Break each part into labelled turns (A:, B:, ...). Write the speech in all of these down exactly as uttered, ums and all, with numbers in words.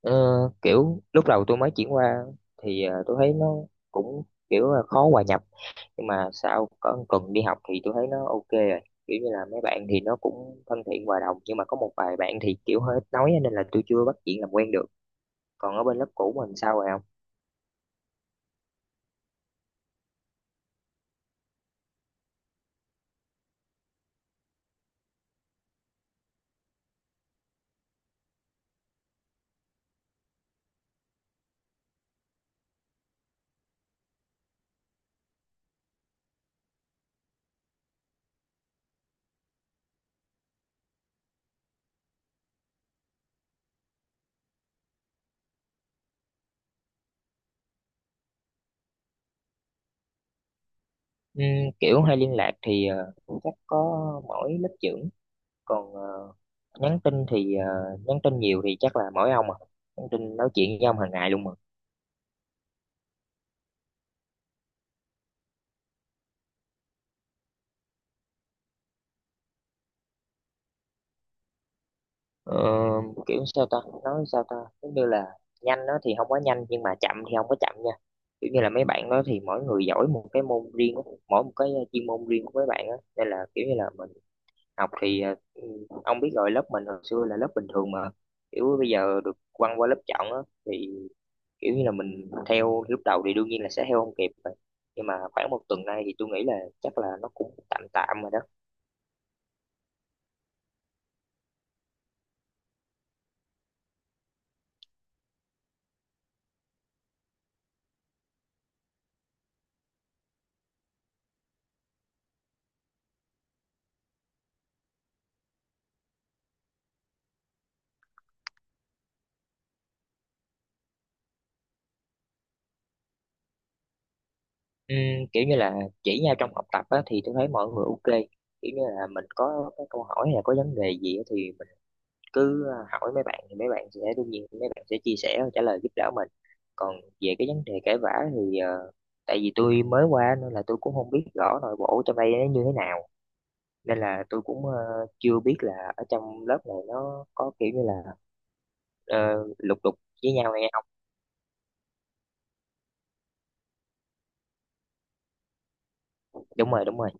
A: Ờ, kiểu lúc đầu tôi mới chuyển qua thì ờ, tôi thấy nó cũng kiểu là khó hòa nhập, nhưng mà sau có cần đi học thì tôi thấy nó ok rồi. Kiểu như là mấy bạn thì nó cũng thân thiện hòa đồng, nhưng mà có một vài bạn thì kiểu hơi ít nói nên là tôi chưa bắt chuyện làm quen được. Còn ở bên lớp cũ mình sao rồi không? Ừm, kiểu hay liên lạc thì ờ, chắc có mỗi lớp trưởng, còn ờ, nhắn tin thì ờ, nhắn tin nhiều thì chắc là mỗi ông à, nhắn tin nói chuyện với ông hàng ngày luôn mà. Ờ, kiểu sao ta, nói sao ta, giống như là nhanh đó thì không quá nhanh nhưng mà chậm thì không có chậm nha. Kiểu như là mấy bạn đó thì mỗi người giỏi một cái môn riêng của- mỗi một cái ờ, chuyên môn riêng của mấy bạn đó nên là kiểu như là mình học thì ờ, ừ, ông biết rồi lớp mình hồi xưa là lớp bình thường mà, kiểu bây giờ được quăng qua lớp chọn á, thì kiểu như là mình theo lúc đầu thì đương nhiên là sẽ theo không kịp rồi, nhưng mà khoảng một tuần nay thì tôi nghĩ là chắc là nó cũng tạm tạm rồi đó. Ừm, kiểu như là chỉ nhau trong học tập á, thì tôi thấy mọi người ok. Kiểu như là mình có cái câu hỏi hay là có vấn đề gì á, thì mình cứ ờ, hỏi mấy bạn thì mấy bạn sẽ đương nhiên mấy bạn sẽ chia sẻ và trả lời giúp đỡ mình. Còn về cái vấn đề cãi vã thì ờ, tại vì tôi mới qua nên là tôi cũng không biết rõ nội bộ trong đây nó như thế nào, nên là tôi cũng ờ, chưa biết là ở trong lớp này nó có kiểu như là ờ, lục đục với nhau hay không. Đúng rồi, đúng rồi,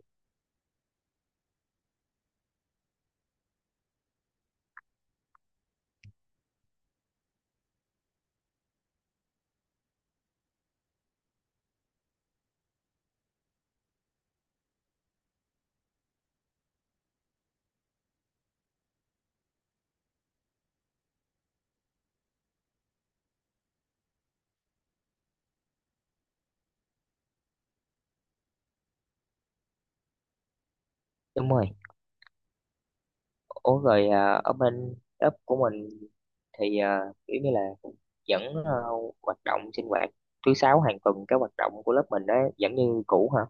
A: đúng rồi. Ủa rồi à, ở bên ấp của mình thì à, kiểu như là vẫn à, hoạt động sinh hoạt thứ sáu hàng tuần cái hoạt động của lớp mình đó vẫn như cũ hả?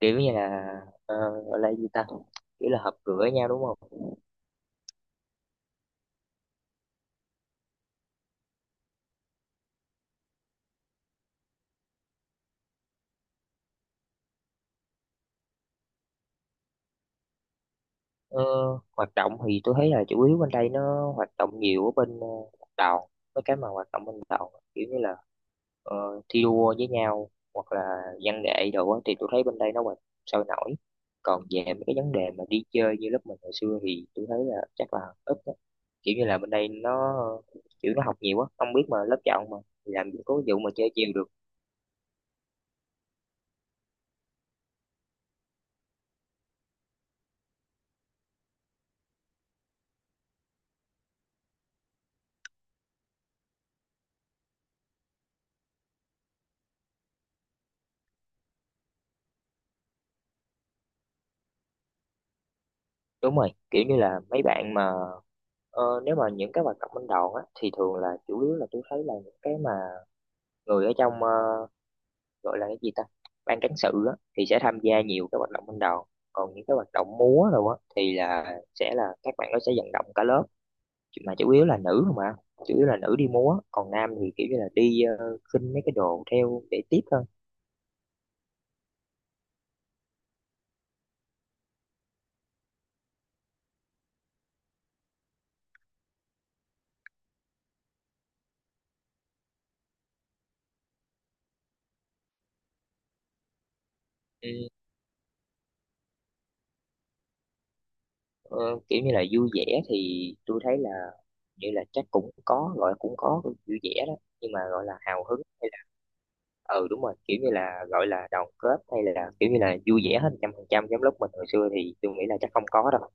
A: Kiểu như là ờ, gọi là gì ta? Kiểu là họp cửa nhau đúng không? Ờ, hoạt động thì tôi thấy là chủ yếu bên đây nó hoạt động nhiều ở bên ờ, đoàn, mấy cái mà hoạt động bên đoàn kiểu như là ờ, thi đua với nhau hoặc là văn nghệ đồ á, thì tôi thấy bên đây nó hoạt sôi nổi. Còn về mấy cái vấn đề mà đi chơi như lớp mình hồi xưa thì tôi thấy là chắc là ít á. Kiểu như là bên đây nó ờ, kiểu nó học nhiều quá không biết mà lớp chọn mà, thì làm gì có vụ mà chơi chiều được. Đúng rồi, kiểu như là mấy bạn mà ờ, nếu mà những cái hoạt động bên đoàn á thì thường là chủ yếu là tôi thấy là những cái mà người ở trong ờ, gọi là cái gì ta, ban cán sự á, thì sẽ tham gia nhiều cái hoạt động ban đầu. Còn những cái hoạt động múa đâu á thì là sẽ là các bạn nó sẽ vận động cả lớp, mà chủ yếu là nữ không ạ, chủ yếu là nữ đi múa, còn nam thì kiểu như là đi ờ, khinh mấy cái đồ theo để tiếp thôi. Ờ, kiểu như là vui vẻ thì tôi thấy là như là chắc cũng có gọi là cũng có vui vẻ đó, nhưng mà gọi là hào hứng hay là ừ đúng rồi, kiểu như là gọi là đoàn kết hay là kiểu như là vui vẻ hết trăm phần trăm giống lúc mình hồi xưa thì tôi nghĩ là chắc không có đâu.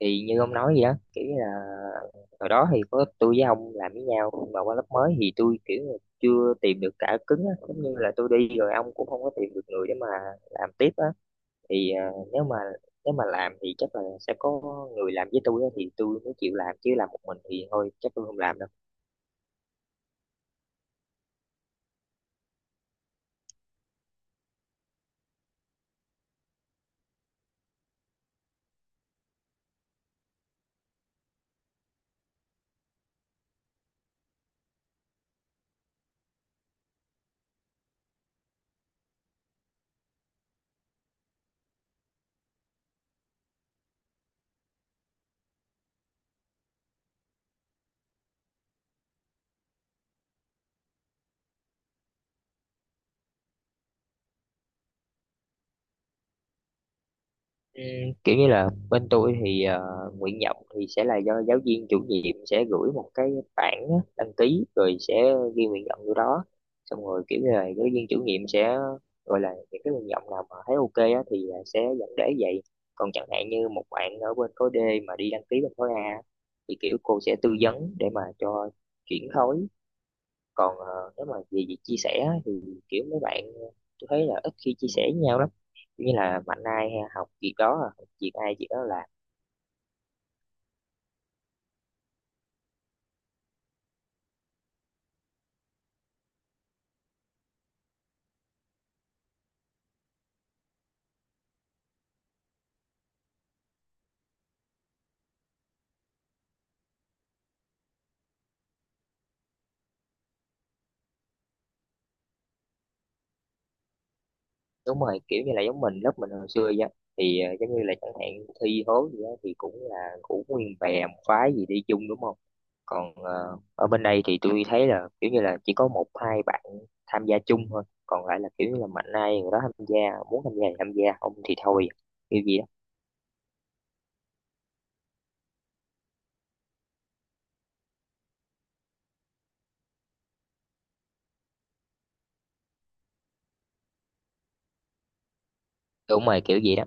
A: Thì như ông nói vậy đó kiểu như là hồi đó thì có tôi với ông làm với nhau, nhưng mà qua lớp mới thì tôi kiểu như chưa tìm được cả cứng á, giống như là tôi đi rồi ông cũng không có tìm được người để mà làm tiếp á, thì à, nếu mà nếu mà làm thì chắc là sẽ có người làm với tôi á, thì tôi mới chịu làm chứ làm một mình thì thôi chắc tôi không làm đâu. Ừm, kiểu như là bên tôi thì à, nguyện vọng thì sẽ là do giáo viên chủ nhiệm sẽ gửi một cái bảng á, đăng ký rồi sẽ ghi nguyện vọng vô đó, xong rồi kiểu như là giáo viên chủ nhiệm sẽ gọi là những cái nguyện vọng nào mà thấy ok á, thì ờ, sẽ dẫn để vậy. Còn chẳng hạn như một bạn ở bên khối D mà đi đăng ký bên khối A thì kiểu cô sẽ tư vấn để mà cho chuyển khối. Còn ờ, nếu mà về việc chia sẻ á, thì kiểu mấy bạn ờ, tôi thấy là ít khi chia sẻ với nhau lắm. Kiểu như là mạnh ai học việc đó à, học việc ai việc đó làm. Đúng rồi, kiểu như là giống mình lớp mình hồi xưa vậy á. Thì ờ, giống như là chẳng hạn thi hố gì đó thì cũng là cũng nguyên bè một phái gì đi chung đúng không. Còn ờ, ở bên đây thì tôi thấy là kiểu như là chỉ có một hai bạn tham gia chung thôi, còn lại là kiểu như là mạnh ai người đó tham gia, muốn tham gia thì tham gia không thì thôi, kiểu gì đó. Đúng rồi kiểu gì đó.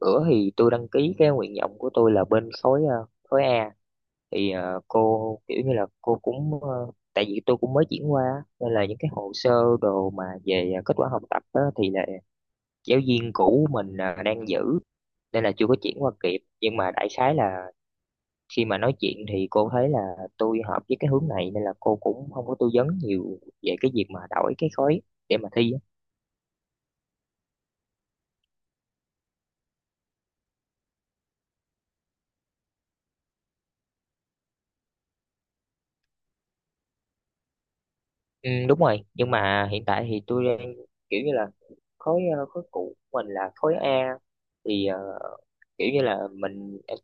A: Bữa thì tôi đăng ký cái nguyện vọng của tôi là bên khối ờ, khối A, thì ờ, cô kiểu như là cô cũng ờ, tại vì tôi cũng mới chuyển qua á, nên là những cái hồ sơ đồ mà về ờ, kết quả học tập á, thì là giáo viên cũ mình ờ, đang giữ nên là chưa có chuyển qua kịp, nhưng mà đại khái là khi mà nói chuyện thì cô thấy là tôi hợp với cái hướng này nên là cô cũng không có tư vấn nhiều về cái việc mà đổi cái khối để mà thi. Ừ, đúng rồi, nhưng mà hiện tại thì tôi đang kiểu như là khối ờ, khối cũ của mình là khối A, thì ờ, kiểu như là mình ờ,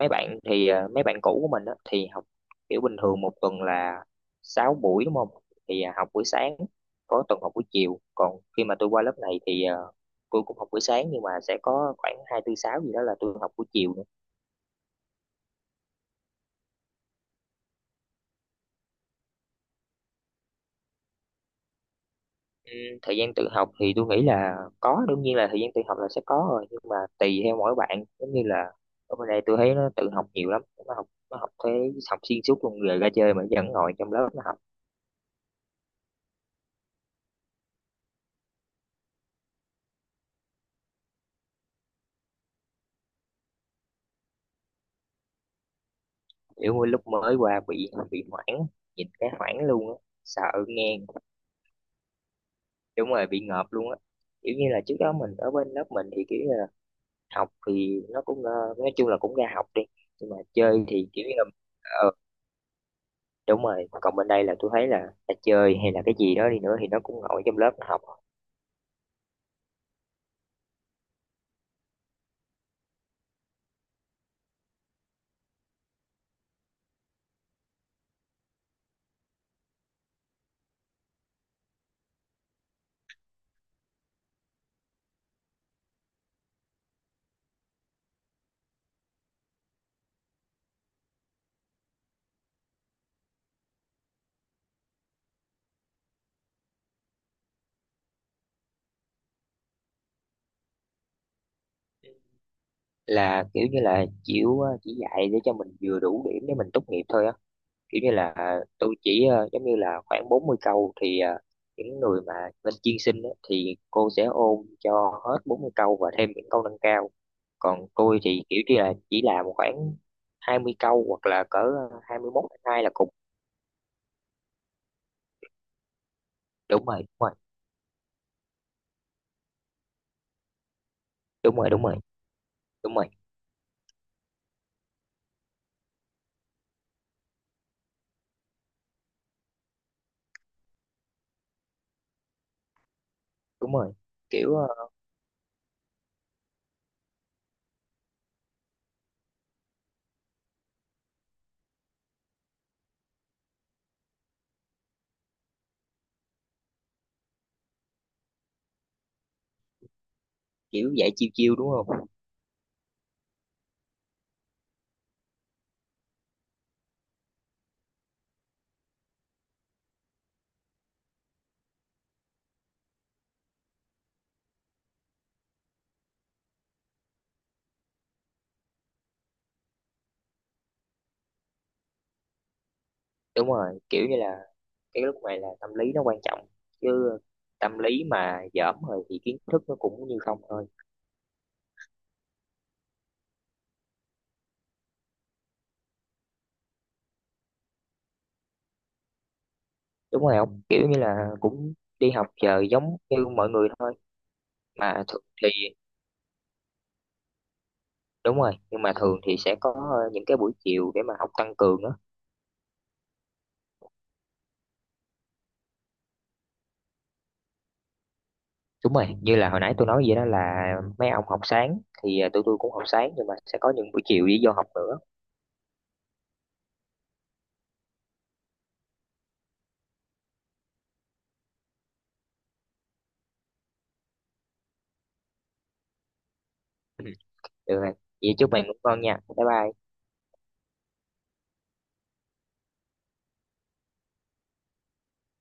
A: mấy bạn thì ờ, mấy bạn cũ của mình á, thì học kiểu bình thường một tuần là sáu buổi đúng không, thì ờ, học buổi sáng có tuần học buổi chiều, còn khi mà tôi qua lớp này thì ờ, tôi cũng học buổi sáng nhưng mà sẽ có khoảng hai tư sáu gì đó là tôi học buổi chiều. Ừ, thời gian tự học thì tôi nghĩ là có, đương nhiên là thời gian tự học là sẽ có rồi nhưng mà tùy theo mỗi bạn, giống như là ở bên đây tôi thấy nó tự học nhiều lắm, nó học nó học thế, học xuyên suốt luôn rồi ra chơi mà vẫn ngồi trong lớp nó học. Kiểu mỗi lúc mới qua bị bị hoảng, nhìn cái hoảng luôn á, sợ nghe. Đúng rồi bị ngợp luôn á, kiểu như là trước đó mình ở bên lớp mình thì kiểu như là học thì nó cũng ờ, nói chung là cũng ra học đi, nhưng mà chơi thì kiểu như là ờ, đúng rồi. Còn bên đây là tôi thấy là, là chơi hay là cái gì đó đi nữa thì nó cũng ngồi trong lớp nó học. Là kiểu như là chịu ờ, chỉ dạy để cho mình vừa đủ điểm để mình tốt nghiệp thôi á, kiểu như là ờ, tôi chỉ ờ, giống như là khoảng bốn mươi câu thì ờ, những người mà lên chuyên sinh á, thì cô sẽ ôn cho hết bốn mươi câu và thêm những câu nâng cao. Còn tôi thì kiểu như là chỉ làm khoảng hai mươi câu hoặc là cỡ ờ, hai mươi mốt hai là cùng. Đúng rồi, đúng rồi, đúng rồi, đúng rồi, đúng rồi, đúng rồi. kiểu ờ, kiểu dạy chiêu chiêu đúng không. Đúng rồi, kiểu như là cái lúc này là tâm lý nó quan trọng chứ. Tâm lý mà dởm rồi thì kiến thức nó cũng như không thôi. Đúng rồi không, kiểu như là cũng đi học giờ giống như mọi người thôi. Mà thường thì đúng rồi, nhưng mà thường thì sẽ có ờ, những cái buổi chiều để mà học tăng cường đó. Đúng rồi như là hồi nãy tôi nói vậy đó là mấy ông học sáng thì ờ, tụi tôi cũng học sáng nhưng mà sẽ có những buổi chiều đi vô học nữa. Ừ. Được rồi, vậy chúc bạn ngủ ngon nha, bye bye.